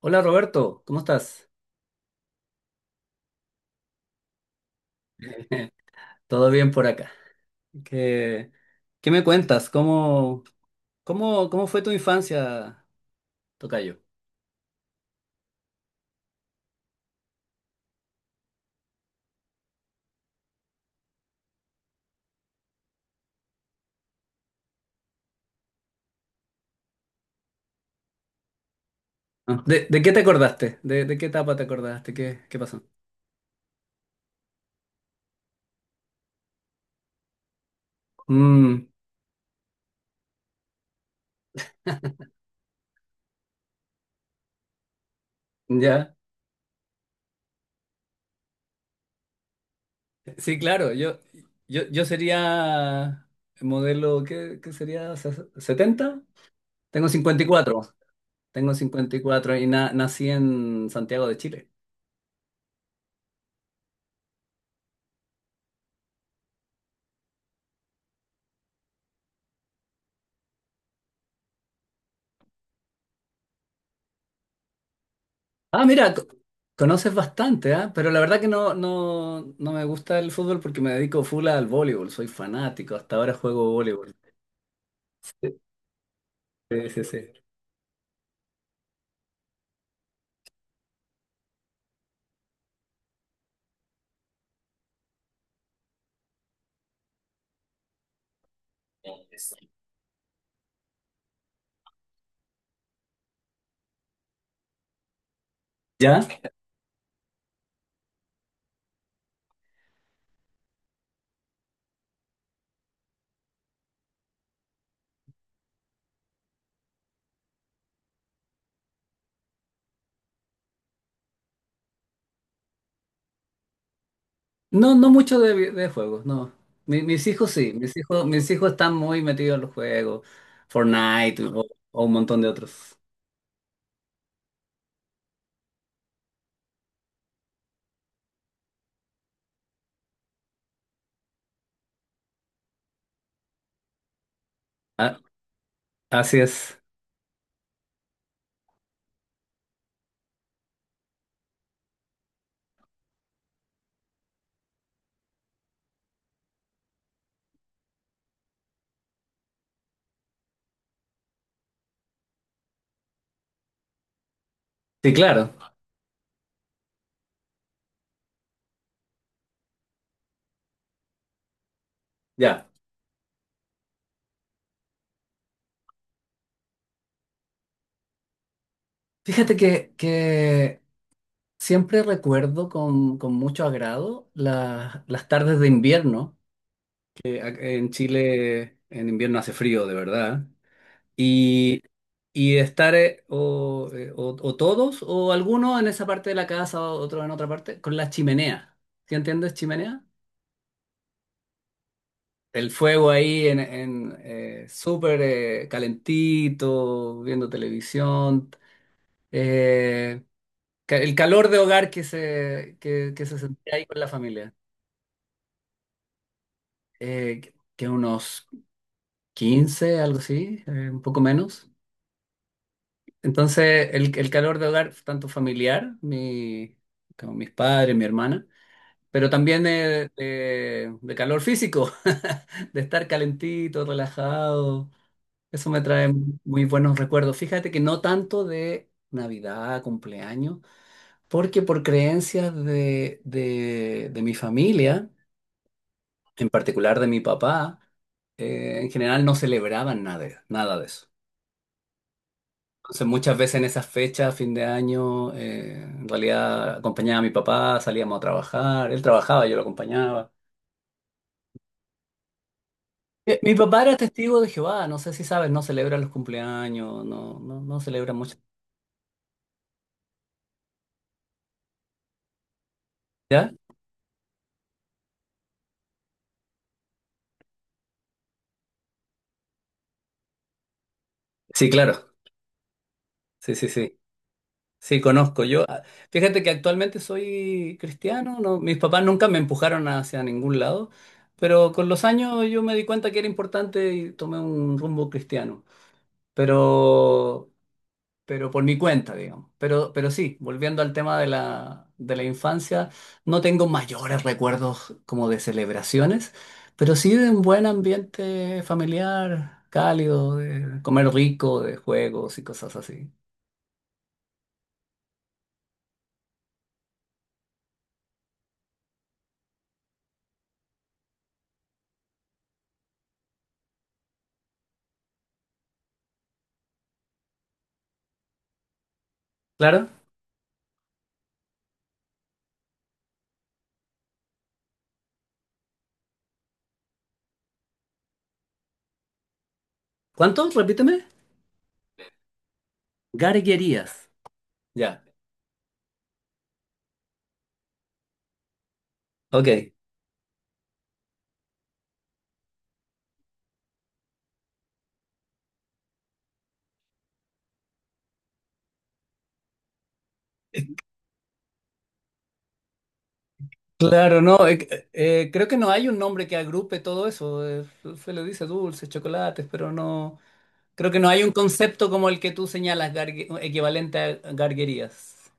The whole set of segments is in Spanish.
Hola Roberto, ¿cómo estás? ¿Todo bien por acá? ¿Qué, qué me cuentas? ¿Cómo fue tu infancia, tocayo? Ah, ¿De qué te acordaste? ¿De qué etapa te acordaste? ¿Qué pasó? Mm, ya. Sí, claro, yo sería modelo, ¿qué sería? ¿70? Tengo 54, tengo 54 y cuatro y nací en Santiago de Chile. Ah, mira, conoces bastante, ¿ah? Pero la verdad que no me gusta el fútbol porque me dedico full al voleibol, soy fanático, hasta ahora juego voleibol. Sí, sí, sí. ¿Ya? No, no mucho de juegos, no. Mi- mis hijos sí, mis hijos están muy metidos en los juegos, Fortnite o un montón de otros. Ah, así es. Sí, claro. Ya. Fíjate que siempre recuerdo con mucho agrado las tardes de invierno. En Chile en invierno hace frío, de verdad. Y, y estar o todos o algunos en esa parte de la casa, o otro en otra parte, con la chimenea. ¿Sí entiendes chimenea? El fuego ahí súper calentito, viendo televisión. eh, el calor de hogar que se sentía ahí con la familia. Que unos 15 algo así, un poco menos. Entonces, el calor de hogar, tanto familiar, mi, como mis padres, mi hermana, pero también de calor físico, de estar calentito, relajado, eso me trae muy buenos recuerdos. Fíjate que no tanto de Navidad, cumpleaños, porque por creencias de mi familia, en particular de mi papá, en general no celebraban nada, nada de eso. Entonces muchas veces en esas fechas, fin de año, en realidad acompañaba a mi papá, salíamos a trabajar, él trabajaba, yo lo acompañaba. Mi papá era testigo de Jehová, no sé si sabes, no celebra los cumpleaños, no celebra mucho. ¿Ya? Sí, claro, sí, sí, sí. Sí, conozco. Yo, ah, fíjate que actualmente soy cristiano, no, mis papás nunca me empujaron hacia ningún lado, pero con los años yo me di cuenta que era importante y tomé un rumbo cristiano. Pero pero por mi cuenta, digamos. Pero sí, volviendo al tema de de la infancia, no tengo mayores recuerdos como de celebraciones, pero sí de un buen ambiente familiar, cálido, de comer rico, de juegos y cosas así. ¿Claro? ¿Cuánto? Repíteme. Garguerías. Ya, ok. Claro, no, creo que no hay un nombre que agrupe todo eso. Se le dice dulces, chocolates, pero no. Creo que no hay un concepto como el que tú señalas, equivalente a garguerías.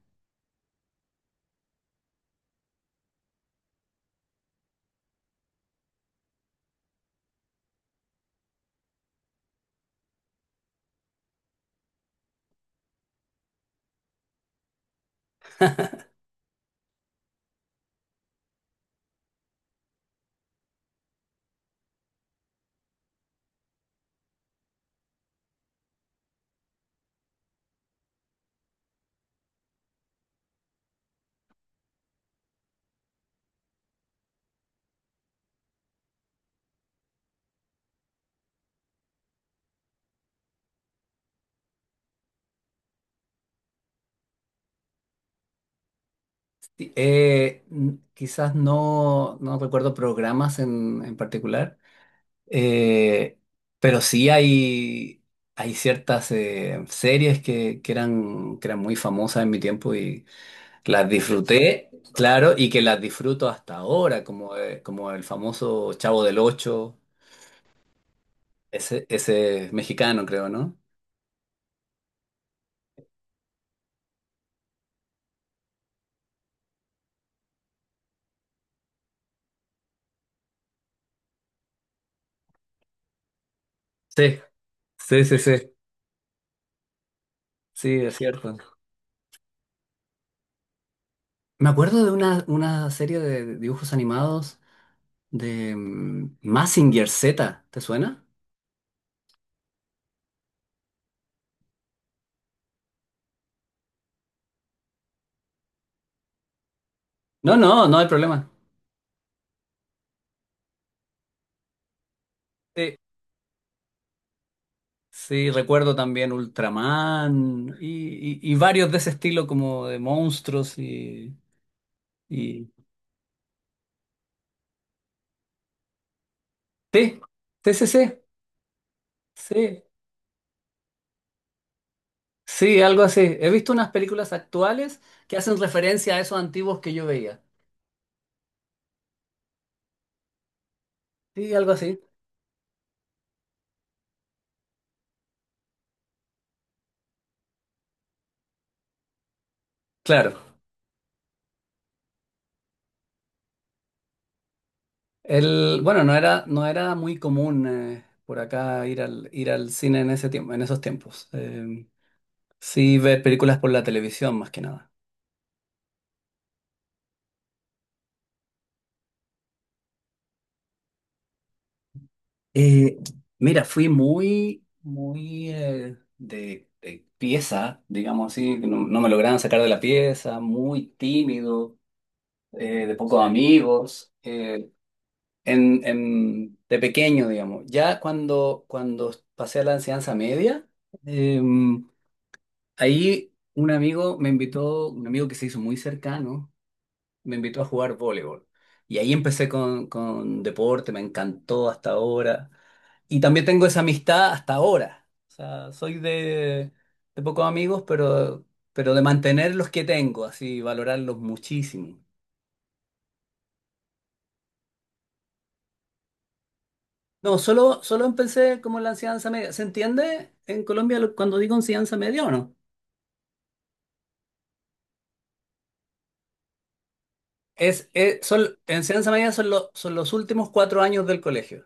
Sí, quizás no, no recuerdo programas en particular, eh, pero sí hay ciertas series que eran muy famosas en mi tiempo y las disfruté, claro, y que las disfruto hasta ahora, como, como el famoso Chavo del Ocho, ese mexicano, creo, ¿no? Sí, sí, sí, sí, sí, es cierto. Me acuerdo de una serie de dibujos animados de Mazinger Z, ¿te suena? No, no, no hay problema. Sí, sí, recuerdo también Ultraman y, y varios de ese estilo como de monstruos y... Sí, sí, sí, sí, sí, sí, algo así. He visto unas películas actuales que hacen referencia a esos antiguos que yo veía. Sí, algo así. Claro. El, bueno, no era muy común por acá ir ir al cine en ese tiempo, en esos tiempos. Sí, ver películas por la televisión más que nada. Eh, Mira, fui muy, muy de pieza, digamos así, que no, no me lograban sacar de la pieza, muy tímido, de pocos amigos, de pequeño, digamos. Ya cuando, cuando pasé a la enseñanza media, em, ahí un amigo me invitó, un amigo que se hizo muy cercano, me invitó a jugar voleibol. Y ahí empecé con deporte, me encantó hasta ahora. Y también tengo esa amistad hasta ahora. O sea, soy de pocos amigos, pero de mantener los que tengo, así, valorarlos muchísimo. No, solo empecé como en la enseñanza media. ¿Se entiende en Colombia cuando digo enseñanza media o no? Enseñanza media son los últimos cuatro años del colegio.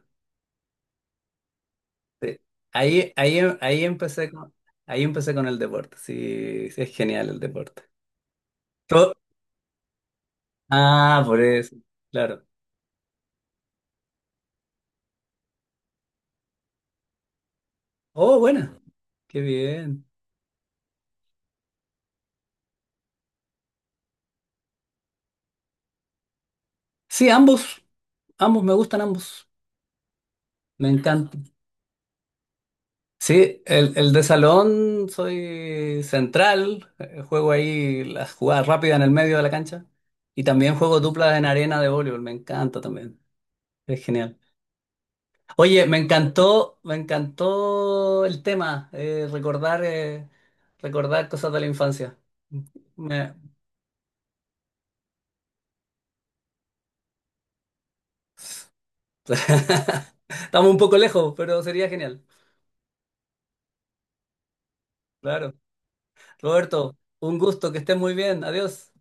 Sí. Ahí empecé con el deporte. Sí, sí, es genial el deporte. To- ah, por eso, claro. Oh, buena. Qué bien. Sí, ambos, ambos, me gustan ambos. Me encanta. Sí, el de salón soy central, juego ahí las jugadas rápidas en el medio de la cancha y también juego duplas en arena de voleibol, me encanta también, es genial. Oye, me encantó el tema, recordar cosas de la infancia. Me- Estamos un poco lejos, pero sería genial. Claro. Roberto, un gusto, que estés muy bien. Adiós.